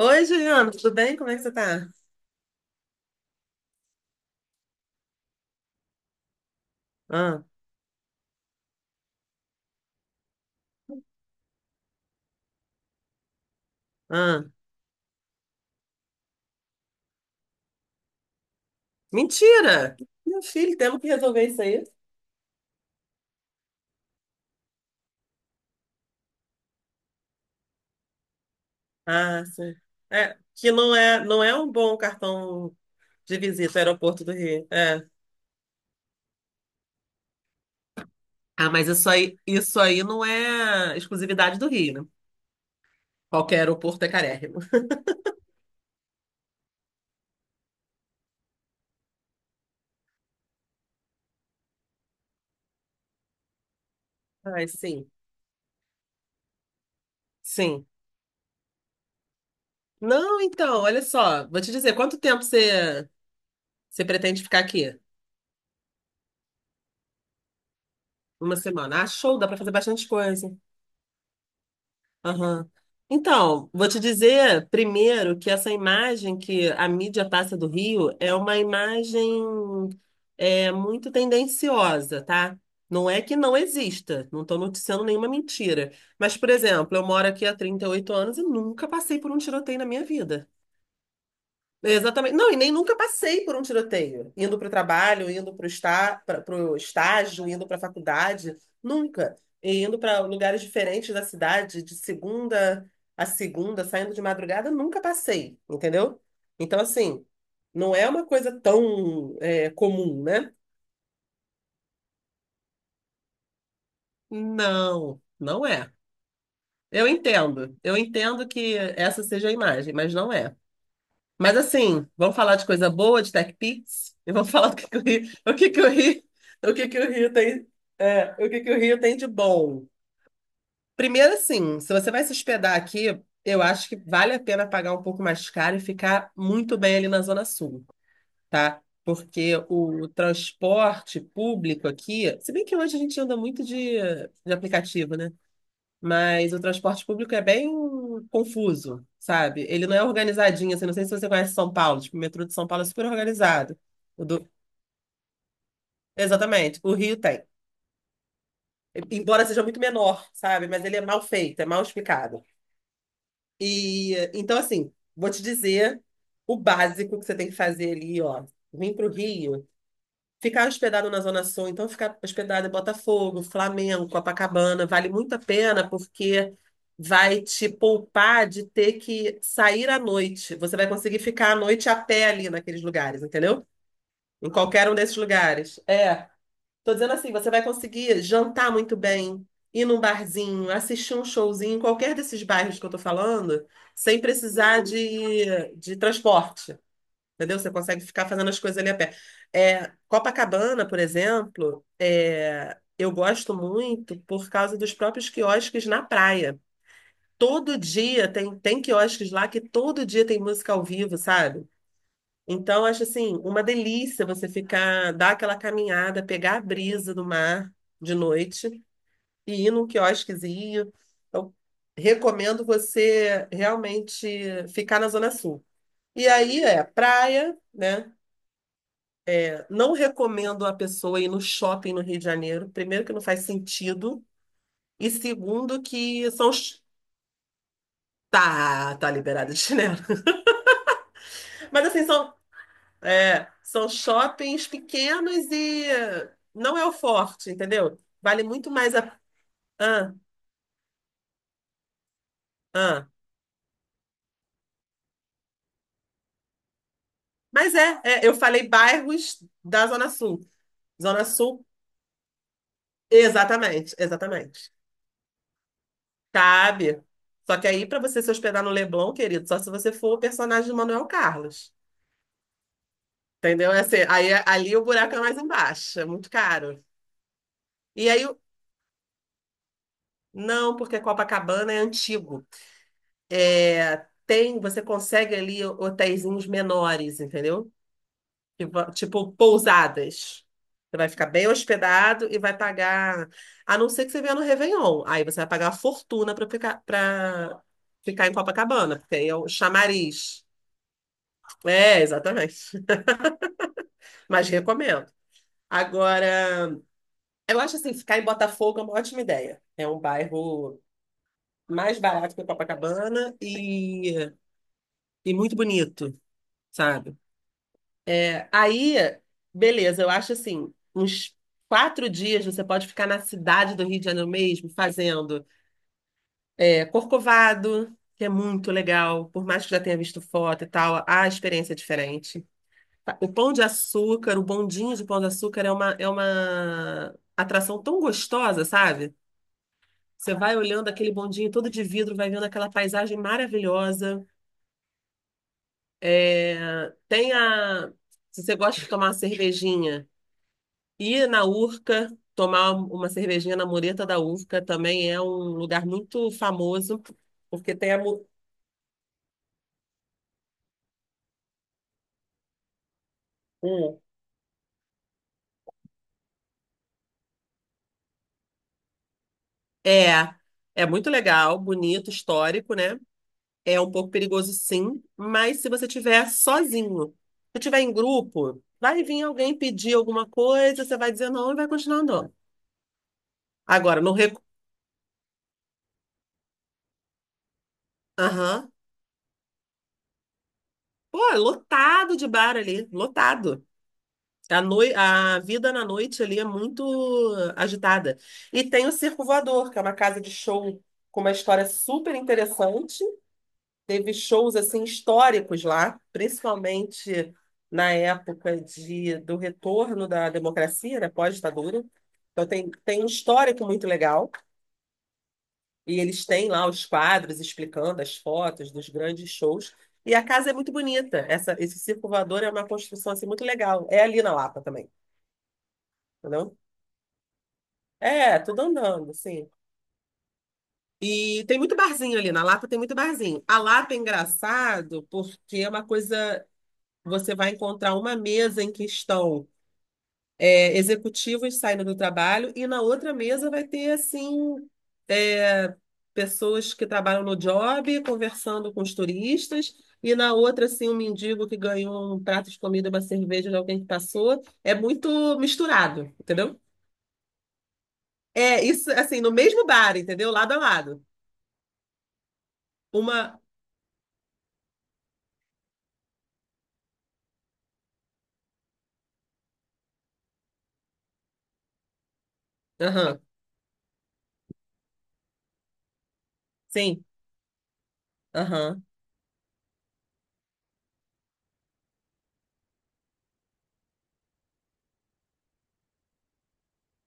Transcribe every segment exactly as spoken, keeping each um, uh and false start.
Oi, Juliana, tudo bem? Como é que você tá? Ah, ah. Mentira! Meu filho, temos que resolver isso aí. Ah, sim. É, que não é, não é um bom cartão de visita ao aeroporto do Rio. É. Ah, mas isso aí, isso aí não é exclusividade do Rio, né? Qualquer aeroporto é carérrimo. Ai, sim, sim. Não, então, olha só, vou te dizer, quanto tempo você, você pretende ficar aqui? Uma semana. Ah, show, dá pra fazer bastante coisa. Aham. Então, vou te dizer primeiro que essa imagem que a mídia passa do Rio é uma imagem é, muito tendenciosa, tá? Não é que não exista, não estou noticiando nenhuma mentira. Mas, por exemplo, eu moro aqui há trinta e oito anos e nunca passei por um tiroteio na minha vida. É, exatamente. Não, e nem nunca passei por um tiroteio. Indo para o trabalho, indo para o está, para o estágio, indo para a faculdade. Nunca. E indo para lugares diferentes da cidade, de segunda a segunda, saindo de madrugada, nunca passei, entendeu? Então, assim, não é uma coisa tão, é, comum, né? Não, não é. Eu entendo. Eu entendo que essa seja a imagem, mas não é. Mas assim, vamos falar de coisa boa, de Tech Pix, e vamos falar do que que o Rio, o que que o Rio, o que que o Rio tem, é, o que que o Rio tem de bom. Primeiro, assim, se você vai se hospedar aqui, eu acho que vale a pena pagar um pouco mais caro e ficar muito bem ali na Zona Sul, tá? Porque o transporte público aqui, se bem que hoje a gente anda muito de, de aplicativo, né? Mas o transporte público é bem confuso, sabe? Ele não é organizadinho, assim, não sei se você conhece São Paulo, tipo, o metrô de São Paulo é super organizado. O do- Exatamente, o Rio tem. Embora seja muito menor, sabe? Mas ele é mal feito, é mal explicado. E então, assim, vou te dizer o básico que você tem que fazer ali, ó. Vim para o Rio. Ficar hospedado na Zona Sul, então ficar hospedado em Botafogo, Flamengo, Copacabana, vale muito a pena porque vai te poupar de ter que sair à noite. Você vai conseguir ficar à noite a pé ali naqueles lugares, entendeu? Em qualquer um desses lugares. É, tô dizendo assim, você vai conseguir jantar muito bem, ir num barzinho, assistir um showzinho em qualquer desses bairros que eu tô falando, sem precisar de, de transporte. Entendeu? Você consegue ficar fazendo as coisas ali a pé. É, Copacabana, por exemplo, é, eu gosto muito por causa dos próprios quiosques na praia. Todo dia tem, tem quiosques lá que todo dia tem música ao vivo, sabe? Então, eu acho assim, uma delícia você ficar, dar aquela caminhada, pegar a brisa do mar de noite e ir num quiosquezinho. Então, recomendo você realmente ficar na Zona Sul. E aí é praia, né? Não recomendo a pessoa ir no shopping no Rio de Janeiro. Primeiro, que não faz sentido. E segundo, que são. sh- Tá, tá liberado de chinelo. Mas assim, são, é, são shoppings pequenos e eh, não é o forte, entendeu? Vale muito mais a. Ah, ah. Mas é, é, eu falei bairros da Zona Sul. Zona Sul, exatamente, exatamente. Cabe. Só que aí, para você se hospedar no Leblon, querido, só se você for o personagem de Manuel Carlos. Entendeu? É assim, aí, ali o buraco é mais embaixo, é muito caro. E aí, o- não, porque Copacabana é antigo. É, tem, você consegue ali hotéisinhos menores, entendeu? Que va- Tipo pousadas. Você vai ficar bem hospedado e vai pagar, a não ser que você venha no Réveillon. Aí você vai pagar uma fortuna para ficar, para ficar em Copacabana, porque aí é o chamariz. É, exatamente. Mas recomendo. Agora. Eu acho assim, ficar em Botafogo é uma ótima ideia. É um bairro mais barato que Copacabana e, e muito bonito, sabe? É, aí, beleza, eu acho assim, uns quatro dias você pode ficar na cidade do Rio de Janeiro mesmo, fazendo é, Corcovado, que é muito legal, por mais que já tenha visto foto e tal, a experiência é diferente. O Pão de Açúcar, o bondinho de Pão de Açúcar é uma, é uma atração tão gostosa, sabe? Você vai olhando aquele bondinho todo de vidro, vai vendo aquela paisagem maravilhosa. É, tem a. Se você gosta de tomar uma cervejinha, ir na Urca, tomar uma cervejinha na mureta da Urca também é um lugar muito famoso, porque tem a. Mu- hum. É, é muito legal, bonito, histórico, né? É um pouco perigoso, sim, mas se você tiver sozinho, se tiver em grupo, vai vir alguém pedir alguma coisa, você vai dizer não e vai continuar andando. Agora, não re- Aham. Pô, é lotado de bar ali, lotado. A, noi... a vida na noite ali é muito agitada. E tem o Circo Voador, que é uma casa de show com uma história super interessante. Teve shows assim históricos lá, principalmente na época de... do retorno da democracia, né, pós-ditadura. Então tem... tem um histórico muito legal. E eles têm lá os quadros explicando as fotos dos grandes shows. E a casa é muito bonita. Essa, esse circo voador é uma construção assim, muito legal. É ali na Lapa também, entendeu? É, tudo andando, assim. E tem muito barzinho ali. Na Lapa tem muito barzinho. A Lapa é engraçado porque é uma coisa. Você vai encontrar uma mesa em que estão é, executivos saindo do trabalho e na outra mesa vai ter assim é, pessoas que trabalham no job conversando com os turistas e na outra assim um mendigo que ganhou um prato de comida, uma cerveja de alguém que passou. É muito misturado, entendeu? É isso assim no mesmo bar, entendeu? Lado a lado. Uma, aham, sim, aham,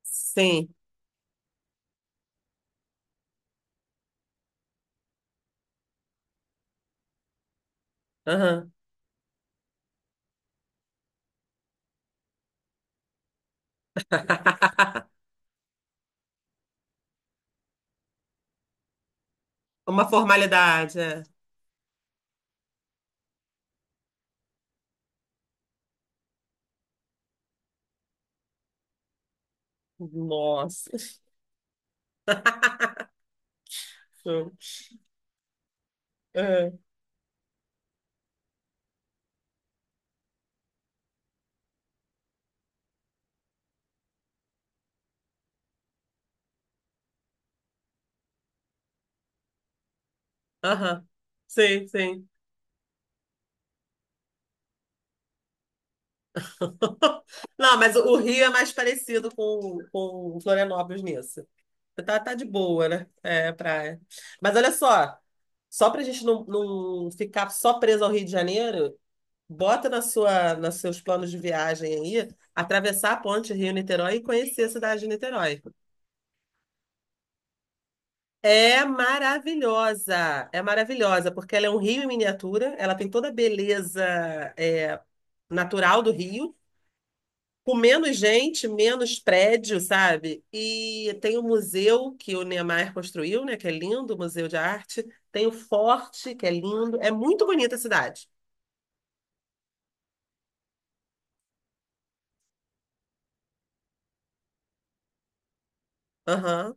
sim, aham. Uma formalidade. É. Nossa. É. Aham. Sim, sim. Não, mas o Rio é mais parecido com, com Florianópolis nisso. Tá, tá de boa, né? É, praia. Mas olha só, só pra gente não, não ficar só preso ao Rio de Janeiro, bota na sua, nos seus planos de viagem aí, atravessar a ponte Rio-Niterói e conhecer a cidade de Niterói. É maravilhosa, é maravilhosa, porque ela é um rio em miniatura, ela tem toda a beleza, é, natural do Rio, com menos gente, menos prédio, sabe? E tem o museu que o Niemeyer construiu, né? Que é lindo, o Museu de Arte. Tem o Forte, que é lindo. É muito bonita a cidade. Aham.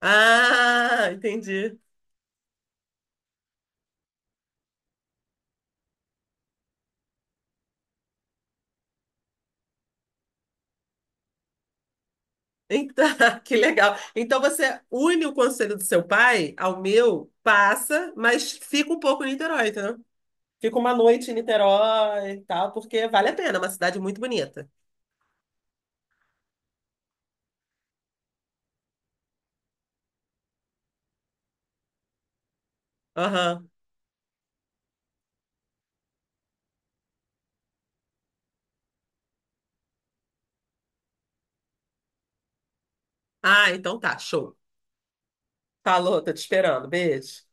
Ah, entendi. Então, que legal. Então você une o conselho do seu pai ao meu, passa, mas fica um pouco em Niterói, entendeu? Fica uma noite em Niterói e tal, porque vale a pena, é uma cidade muito bonita. Aham. Ah, então tá, show. Falou, tô te esperando. Beijo.